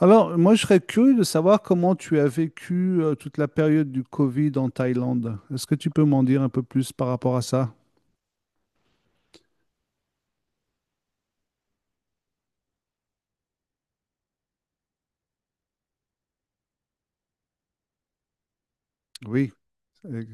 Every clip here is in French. Alors, moi, je serais curieux de savoir comment tu as vécu toute la période du Covid en Thaïlande. Est-ce que tu peux m'en dire un peu plus par rapport à ça? Oui. Euh,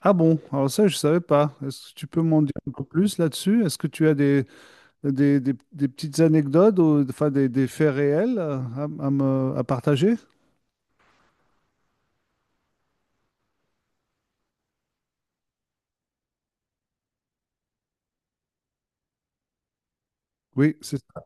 Ah bon, alors ça, je ne savais pas. Est-ce que tu peux m'en dire un peu plus là-dessus? Est-ce que tu as des petites anecdotes ou enfin, des faits réels à me, à partager? Oui, c'est ça.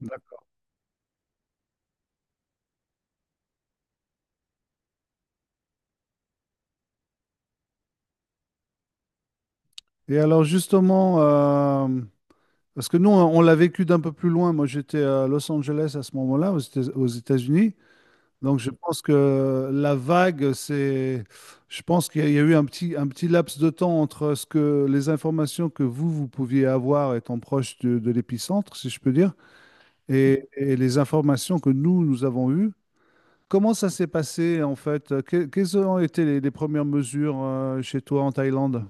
D'accord. Et alors, justement, parce que nous, on l'a vécu d'un peu plus loin. Moi, j'étais à Los Angeles à ce moment-là, aux États-Unis. Donc je pense que la vague, c'est, je pense qu'il y a eu un petit laps de temps entre ce que les informations que vous, vous pouviez avoir étant proche de l'épicentre, si je peux dire, et les informations que nous, nous avons eues. Comment ça s'est passé en fait? Quelles ont été les premières mesures chez toi en Thaïlande?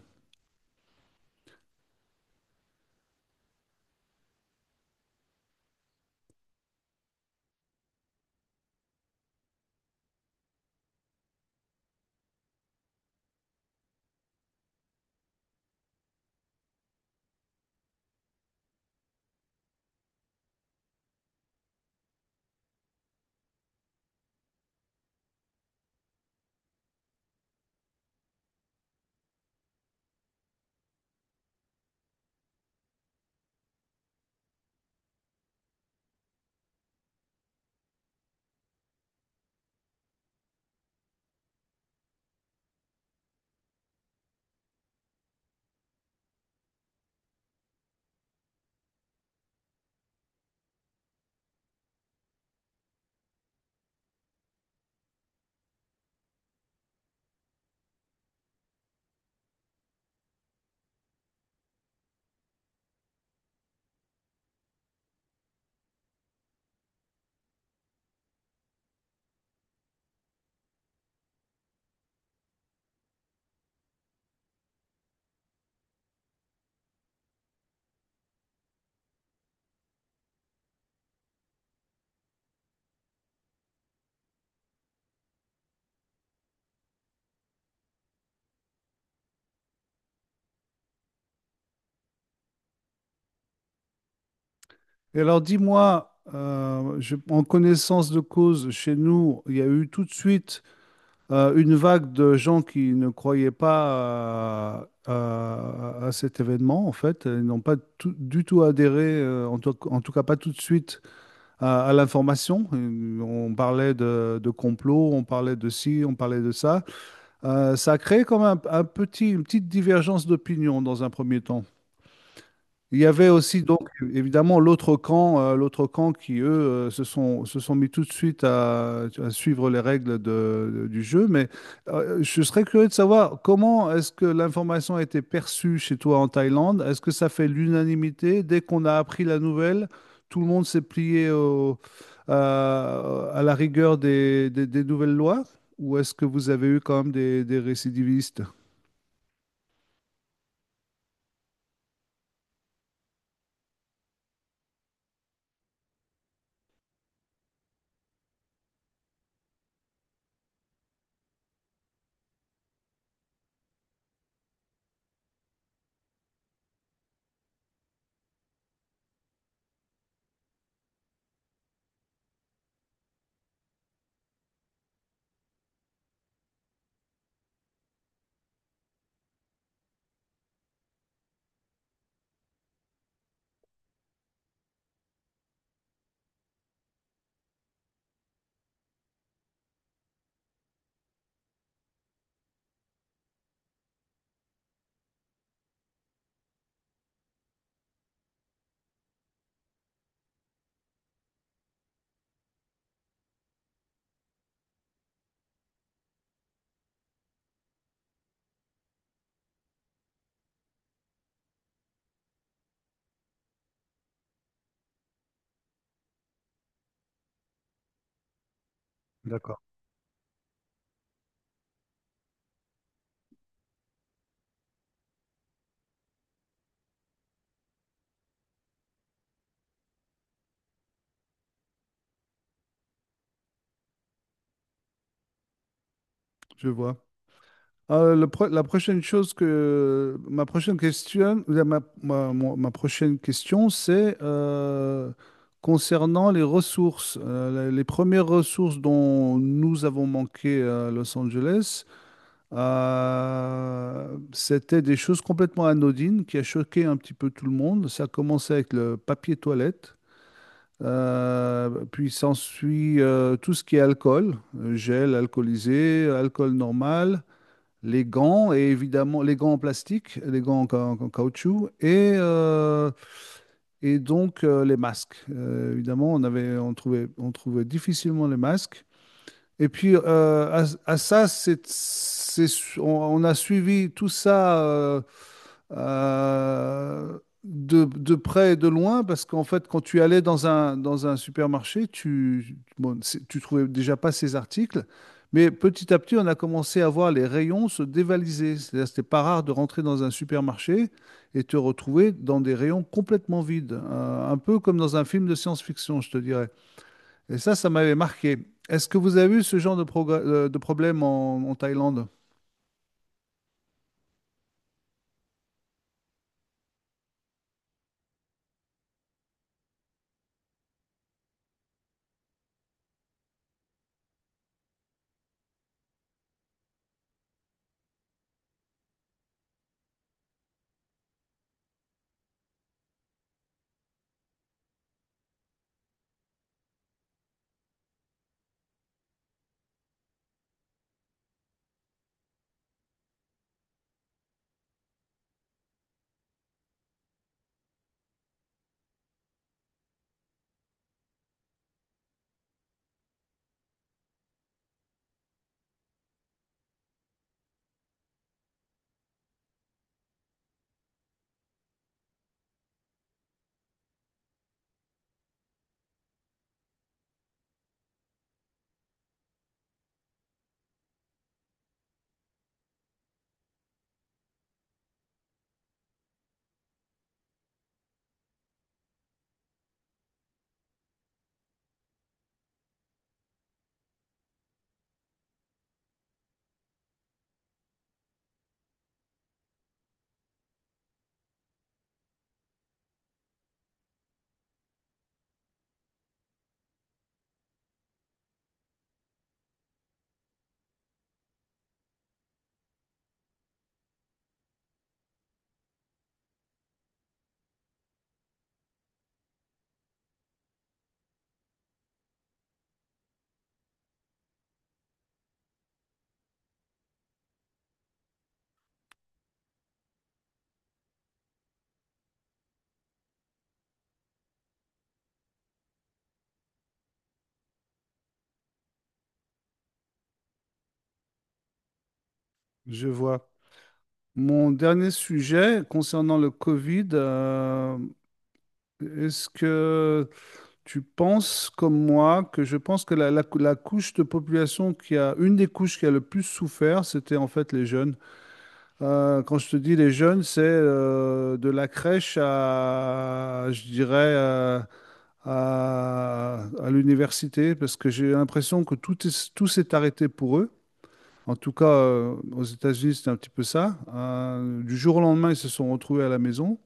Et alors dis-moi, en connaissance de cause, chez nous, il y a eu tout de suite une vague de gens qui ne croyaient pas à cet événement, en fait. Ils n'ont pas tout- Du tout adhéré, en tout cas pas tout de suite, à l'information. On parlait de complot, on parlait de ci, on parlait de ça. Ça a créé comme un petit, une petite divergence d'opinion dans un premier temps. Il y avait aussi donc évidemment l'autre camp qui eux se sont mis tout de suite à suivre les règles du jeu. Mais je serais curieux de savoir comment est-ce que l'information a été perçue chez toi en Thaïlande? Est-ce que ça fait l'unanimité? Dès qu'on a appris la nouvelle, tout le monde s'est plié à la rigueur des nouvelles lois? Ou est-ce que vous avez eu quand même des récidivistes? D'accord. Je vois. La prochaine chose que ma prochaine question, ou ma prochaine question, c'est concernant les ressources, les premières ressources dont nous avons manqué à Los Angeles. C'était des choses complètement anodines qui a choqué un petit peu tout le monde. Ça a commencé avec le papier toilette, puis s'ensuit tout ce qui est alcool, gel alcoolisé, alcool normal, les gants et évidemment les gants en plastique, les gants en, ca- en caoutchouc et donc les masques. Évidemment, on trouvait difficilement les masques. Et puis, à ça, on a suivi tout ça euh, de près et de loin, parce qu'en fait, quand tu allais dans un supermarché, bon, tu trouvais déjà pas ces articles, mais petit à petit, on a commencé à voir les rayons se dévaliser. C'est-à-dire, c'était pas rare de rentrer dans un supermarché et te retrouver dans des rayons complètement vides, un peu comme dans un film de science-fiction, je te dirais. Et ça m'avait marqué. Est-ce que vous avez eu ce genre de, de problème en, en Thaïlande? Je vois. Mon dernier sujet concernant le Covid, est-ce que tu penses comme moi que je pense que la couche de population une des couches qui a le plus souffert, c'était en fait les jeunes. Quand je te dis les jeunes, c'est de la crèche à, je dirais, à l'université parce que j'ai l'impression tout s'est arrêté pour eux. En tout cas, aux États-Unis, c'est un petit peu ça. Du jour au lendemain, ils se sont retrouvés à la maison.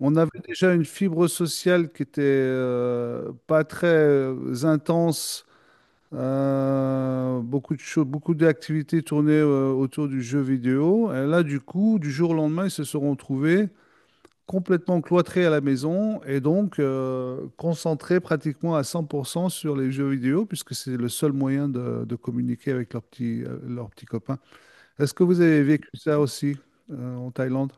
On avait déjà une fibre sociale qui était pas très intense. Beaucoup de choses, beaucoup d'activités tournées autour du jeu vidéo. Et là, du coup, du jour au lendemain, ils se sont retrouvés complètement cloîtré à la maison et donc concentré pratiquement à 100% sur les jeux vidéo puisque c'est le seul moyen de communiquer avec leurs petits copains. Est-ce que vous avez vécu ça aussi en Thaïlande?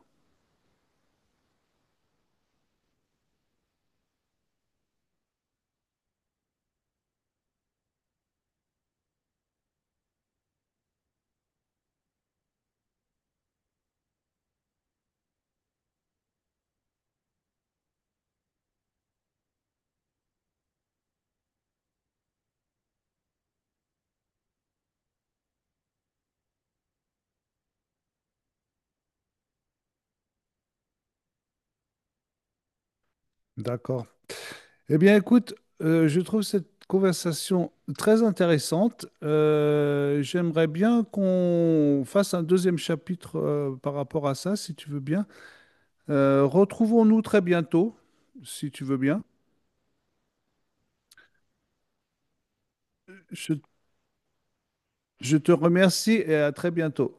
D'accord. Eh bien, écoute, je trouve cette conversation très intéressante. J'aimerais bien qu'on fasse un deuxième chapitre par rapport à ça, si tu veux bien. Retrouvons-nous très bientôt, si tu veux bien. Je Je te remercie et à très bientôt.